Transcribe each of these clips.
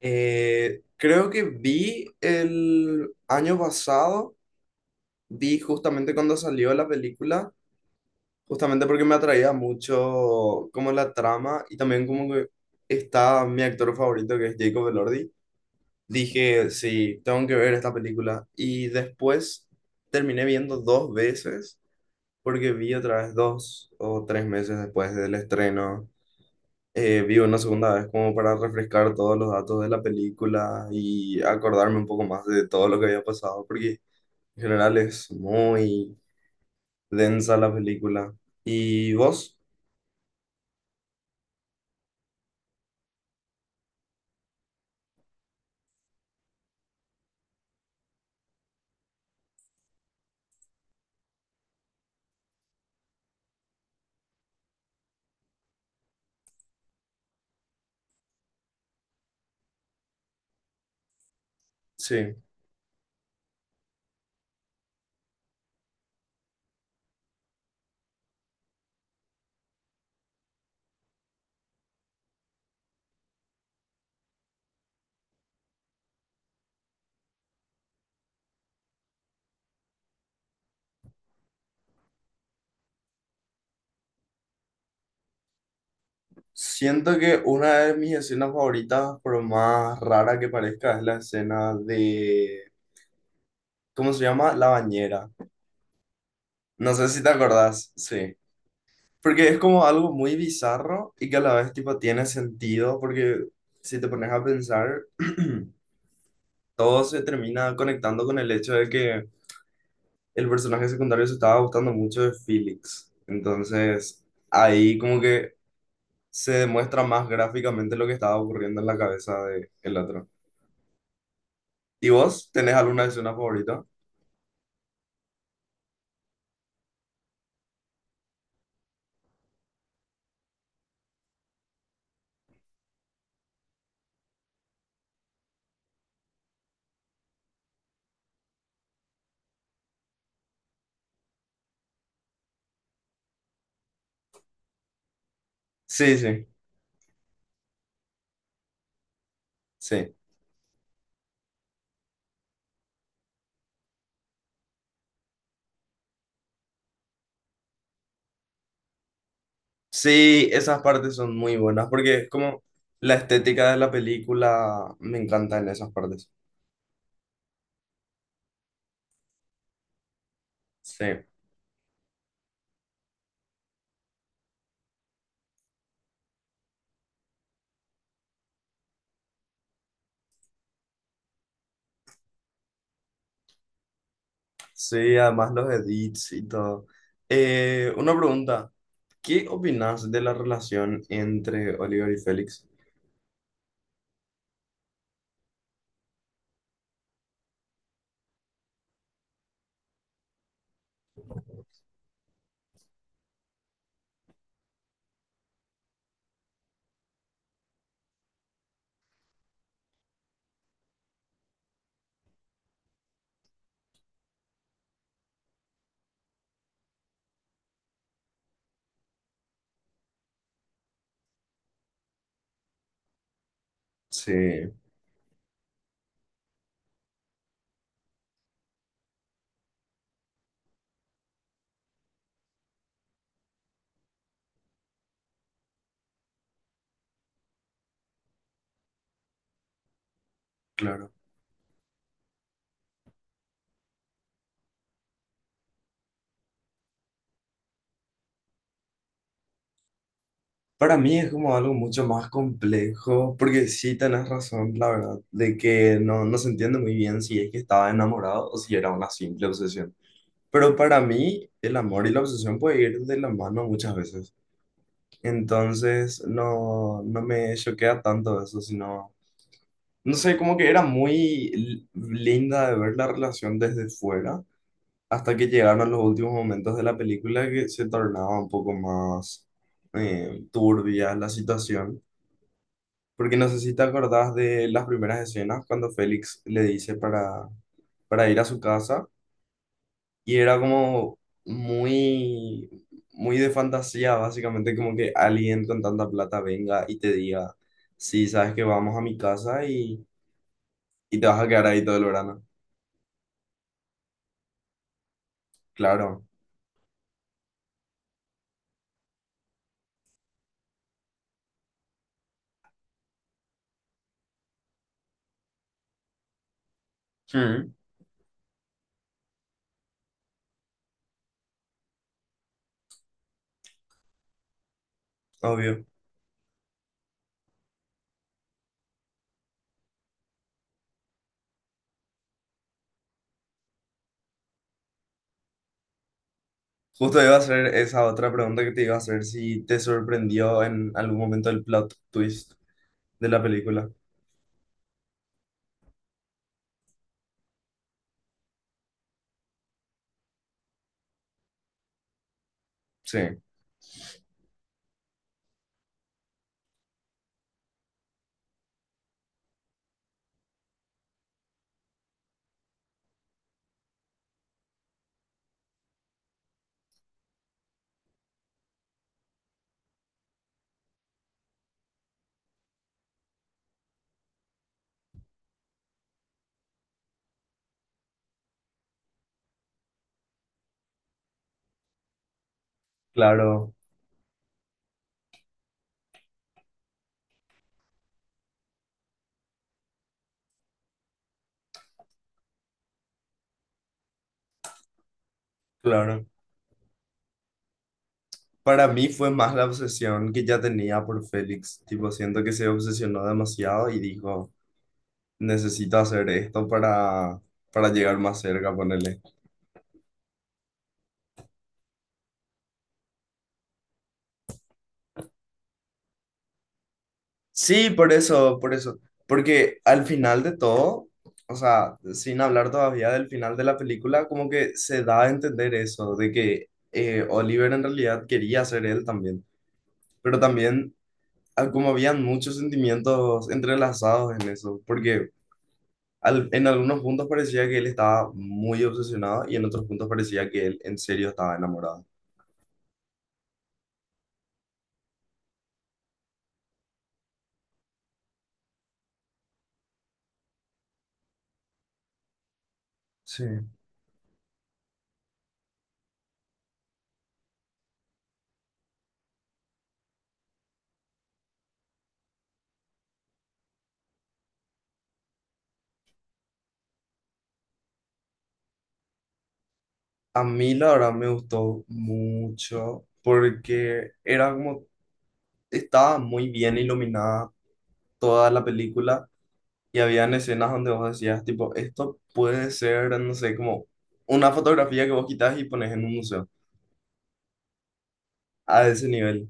Creo que vi el año pasado, vi justamente cuando salió la película, justamente porque me atraía mucho como la trama y también como que está mi actor favorito, que es Jacob Elordi. Dije, sí, tengo que ver esta película. Y después terminé viendo dos veces porque vi otra vez dos o tres meses después del estreno. Vi una segunda vez como para refrescar todos los datos de la película y acordarme un poco más de todo lo que había pasado, porque en general es muy densa la película. ¿Y vos? Sí. Siento que una de mis escenas favoritas, por más rara que parezca, es la escena de, ¿cómo se llama? La bañera. No sé si te acordás, sí. Porque es como algo muy bizarro y que a la vez tipo tiene sentido, porque si te pones a pensar, todo se termina conectando con el hecho de que el personaje secundario se estaba gustando mucho de Felix. Entonces, ahí como que se demuestra más gráficamente lo que estaba ocurriendo en la cabeza de el otro. ¿Y vos tenés alguna escena favorita? Sí, sí, sí. Sí, esas partes son muy buenas porque es como la estética de la película me encanta en esas partes. Sí. Sí, además los edits y todo. Una pregunta, ¿qué opinas de la relación entre Oliver y Félix? Sí, claro. Para mí es como algo mucho más complejo, porque sí tenés razón, la verdad, de que no, no se entiende muy bien si es que estaba enamorado o si era una simple obsesión. Pero para mí el amor y la obsesión puede ir de la mano muchas veces. Entonces no, no me choquea tanto eso, sino… No sé, como que era muy linda de ver la relación desde fuera, hasta que llegaron los últimos momentos de la película, que se tornaba un poco más turbia la situación. Porque no sé si te acordás de las primeras escenas cuando Félix le dice para ir a su casa, y era como muy, muy de fantasía, básicamente como que alguien con tanta plata venga y te diga, sí, sabes que vamos a mi casa y te vas a quedar ahí todo el verano. Claro. Mm. Obvio. Justo iba a hacer esa otra pregunta que te iba a hacer, si te sorprendió en algún momento el plot twist de la película. Sí, claro, claro. Para mí fue más la obsesión que ya tenía por Félix. Tipo, siento que se obsesionó demasiado y dijo, necesito hacer esto para llegar más cerca, ponele. Sí, por eso, por eso. Porque al final de todo, o sea, sin hablar todavía del final de la película, como que se da a entender eso, de que Oliver en realidad quería ser él también. Pero también, ah, como habían muchos sentimientos entrelazados en eso, porque al- en algunos puntos parecía que él estaba muy obsesionado y en otros puntos parecía que él en serio estaba enamorado. Sí. A mí la verdad me gustó mucho porque era como estaba muy bien iluminada toda la película, y habían escenas donde vos decías, tipo, esto puede ser, no sé, como una fotografía que vos quitas y pones en un museo, a ese nivel.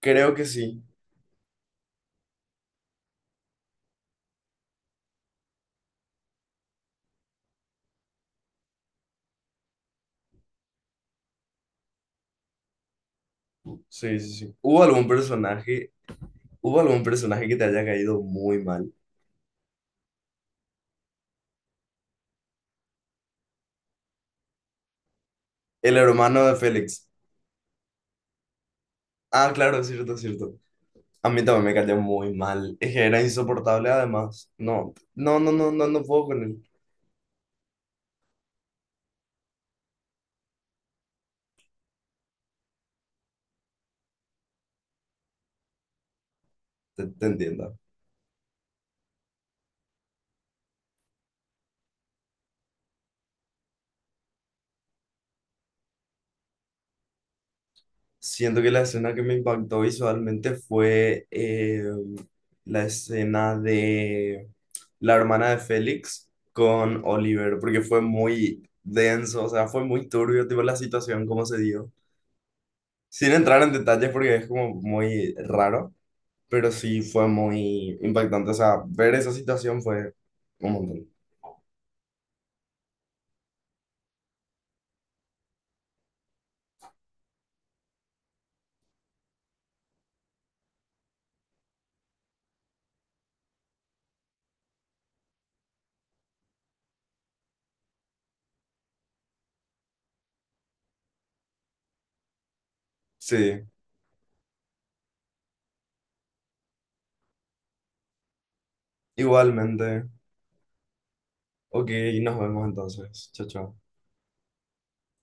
Creo que sí, sí, sí, sí. Hubo algún personaje que te haya caído muy mal? El hermano de Félix. Ah, claro, es cierto, es cierto. A mí también me cayó muy mal. Es que era insoportable además. No, no, no, no, no, no puedo con él. Te entiendo. Siento que la escena que me impactó visualmente fue la escena de la hermana de Félix con Oliver, porque fue muy denso, o sea, fue muy turbio, tipo, la situación, cómo se dio. Sin entrar en detalles porque es como muy raro, pero sí fue muy impactante, o sea, ver esa situación fue un montón. Sí, igualmente. Ok, nos vemos entonces. Chao, chao.